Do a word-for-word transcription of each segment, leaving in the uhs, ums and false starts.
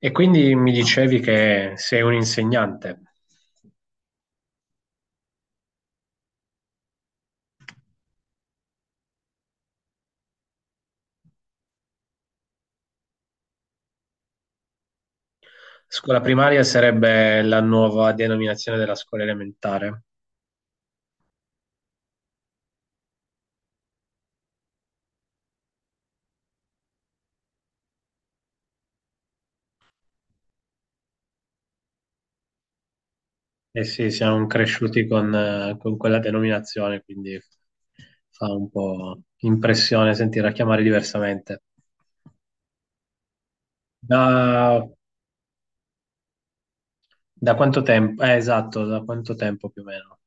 E quindi mi dicevi che sei un insegnante. Scuola primaria sarebbe la nuova denominazione della scuola elementare. E sì, siamo cresciuti con, eh, con quella denominazione, quindi fa un po' impressione sentirla chiamare diversamente. Da, da quanto tempo? Eh, esatto, da quanto tempo più o meno?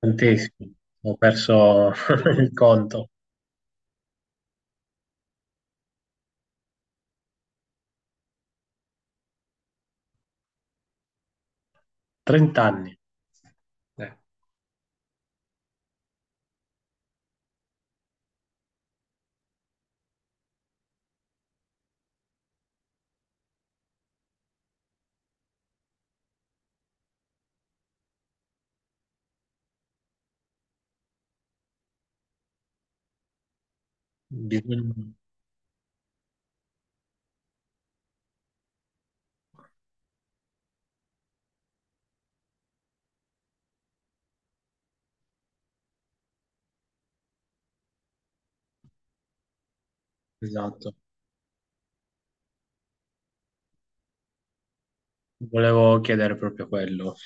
Tantissimo. Ho perso il conto. trenta anni. Eh, bisogna... Esatto. Volevo chiedere proprio quello.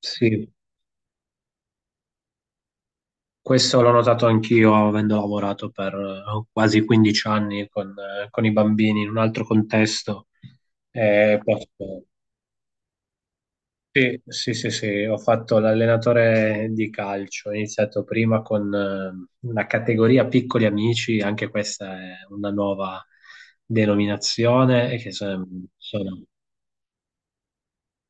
Sì, questo l'ho notato anch'io avendo lavorato per eh, quasi quindici anni con, eh, con i bambini in un altro contesto. Eh, posso- Sì, sì, sì, sì, ho fatto l'allenatore di calcio, ho iniziato prima con eh, una categoria piccoli amici, anche questa è una nuova denominazione, e che sono, sono-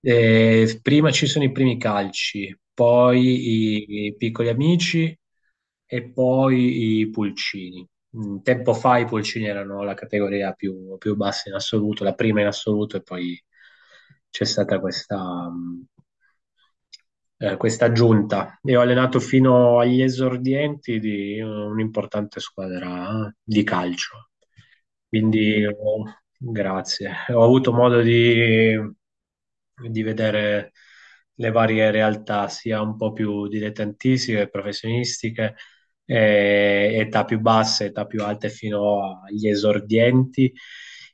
eh, prima ci sono i primi calci, poi i i piccoli amici e poi i pulcini. Mm, tempo fa i pulcini erano la categoria più, più bassa in assoluto, la prima in assoluto, e poi c'è stata questa, mm, eh, questa giunta. E ho allenato fino agli esordienti di eh, un'importante squadra eh, di calcio. Quindi, oh, grazie. Ho avuto modo di di vedere le varie realtà, sia un po' più dilettantistiche, professionistiche, eh, età più basse, età più alte fino agli esordienti.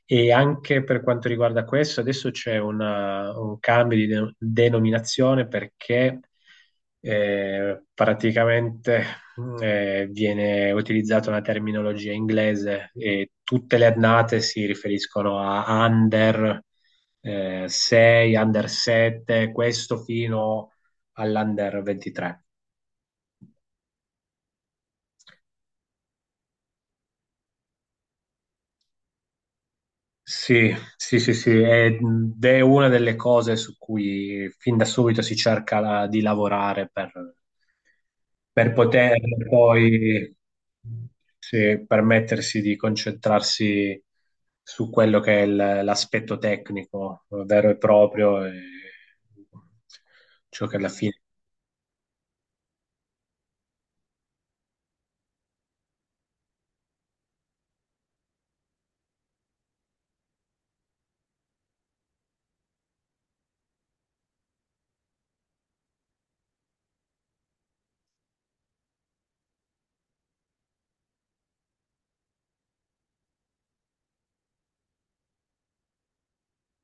E anche per quanto riguarda questo, adesso c'è una- un cambio di de- denominazione perché eh, praticamente eh, viene utilizzata una terminologia inglese e tutte le annate si riferiscono a under eh, sei, under sette, questo fino all'under ventitré. Sì, sì, sì, sì, ed è una delle cose su cui fin da subito si cerca la- di lavorare per, per poter poi sì, permettersi di concentrarsi su quello che è il- l'aspetto tecnico vero e proprio, e ciò che alla fine...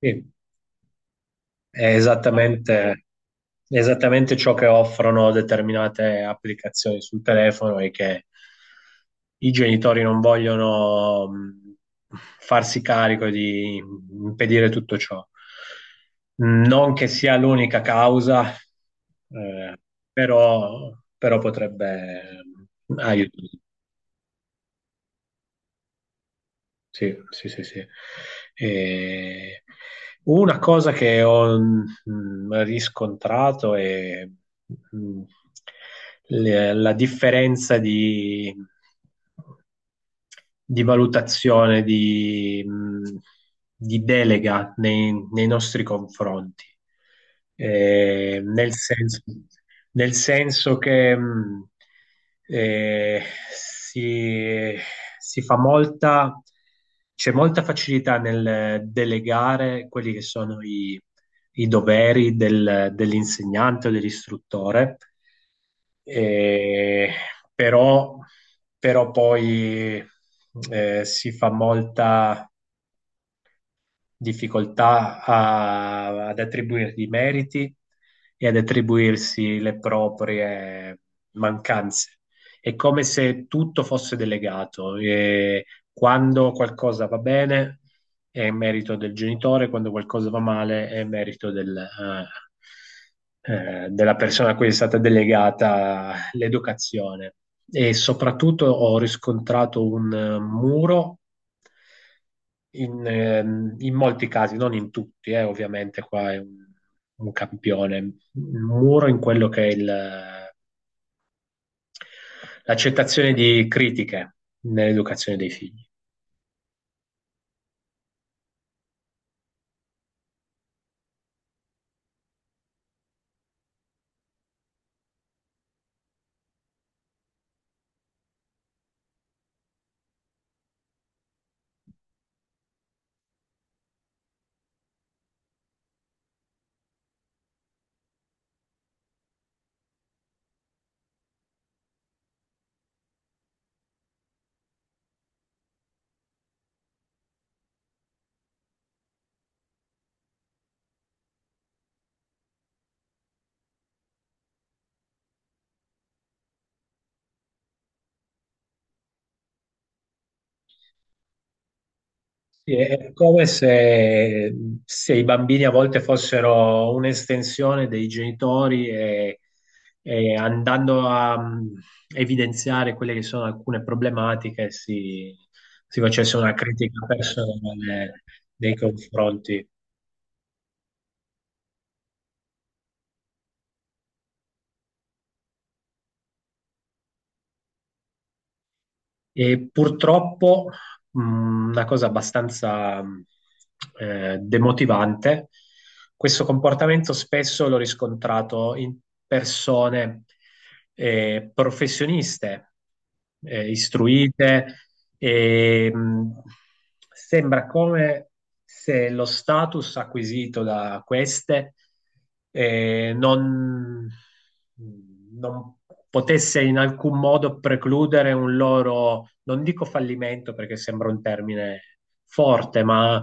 Sì. È esattamente, esattamente ciò che offrono determinate applicazioni sul telefono e che i genitori non vogliono mh, farsi carico di impedire tutto ciò. Non che sia l'unica causa, eh, però, però potrebbe aiutare. Sì, sì, sì, sì. E una cosa che ho mm, riscontrato è mm, le- la differenza di, di valutazione, di, mh, di delega nei, nei nostri confronti. Eh, nel senso, nel senso che mh, eh, si, si fa molta, c'è molta facilità nel delegare quelli che sono i, i doveri del- dell'insegnante o dell'istruttore, eh, però però poi eh, si fa molta difficoltà a- ad attribuirgli i meriti e ad attribuirsi le proprie mancanze. È come se tutto fosse delegato e quando qualcosa va bene è merito del genitore, quando qualcosa va male è merito del, eh, eh, della persona a cui è stata delegata l'educazione. E soprattutto ho riscontrato un eh, muro in, ehm, in molti casi, non in tutti, eh, ovviamente qua è un, un campione, un muro in quello che è il- l'accettazione di critiche nell'educazione dei figli. Sì, è come se, se i bambini a volte fossero un'estensione dei genitori e, e andando a mm, evidenziare quelle che sono alcune problematiche si, si facesse una critica personale nei confronti. E purtroppo mh, una cosa abbastanza mh, eh, demotivante, questo comportamento spesso l'ho riscontrato in persone eh, professioniste, eh, istruite, e, mh, sembra come se lo status acquisito da queste eh, non, non potesse in alcun modo precludere un loro, non dico fallimento perché sembra un termine forte, ma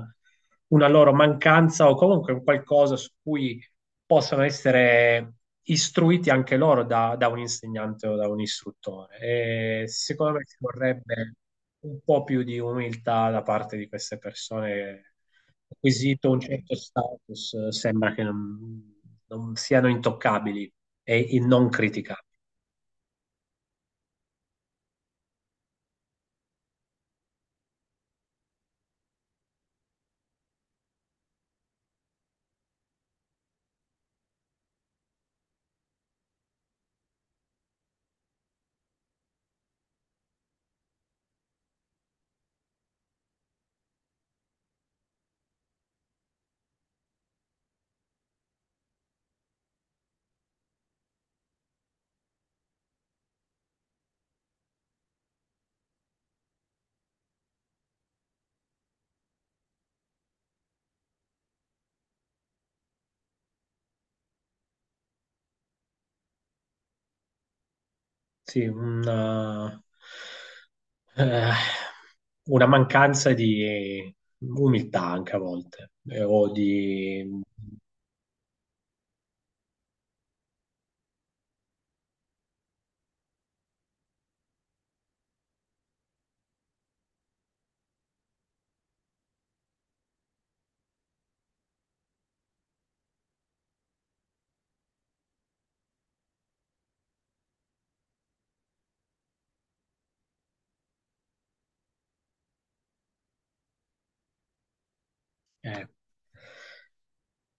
una loro mancanza o comunque un qualcosa su cui possano essere istruiti anche loro da, da un insegnante o da un istruttore. E secondo me ci vorrebbe un po' più di umiltà da parte di queste persone. Acquisito un certo status, eh, sembra che non, non siano intoccabili e, e non criticabili. Sì, una- Eh, una mancanza di umiltà anche a volte, eh, o di... Eh,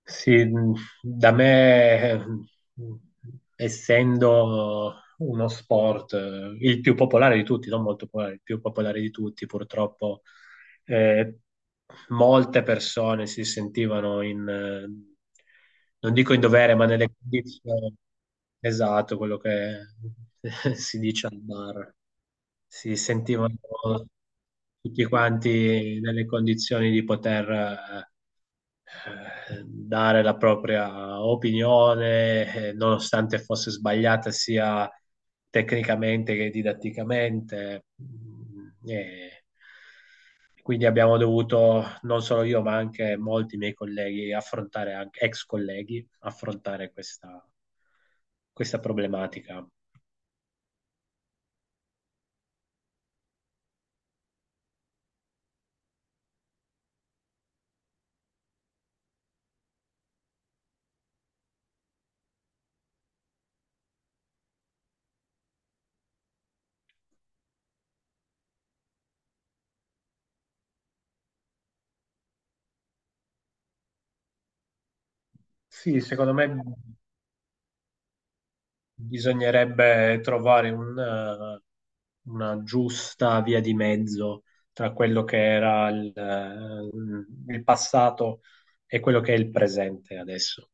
sì, da me, eh, essendo uno sport, eh, il più popolare di tutti, non molto popolare, il più popolare di tutti, purtroppo eh, molte persone si sentivano in, eh, non dico in dovere, ma nelle condizioni, esatto, quello che si dice al bar. Si sentivano tutti quanti nelle condizioni di poter eh, dare la propria opinione, eh, nonostante fosse sbagliata sia tecnicamente che didatticamente. Mm, e quindi abbiamo dovuto, non solo io, ma anche molti miei colleghi, affrontare, anche, ex colleghi, affrontare questa, questa problematica. Sì, secondo me bisognerebbe trovare un, eh, una giusta via di mezzo tra quello che era il, eh, il passato e quello che è il presente adesso.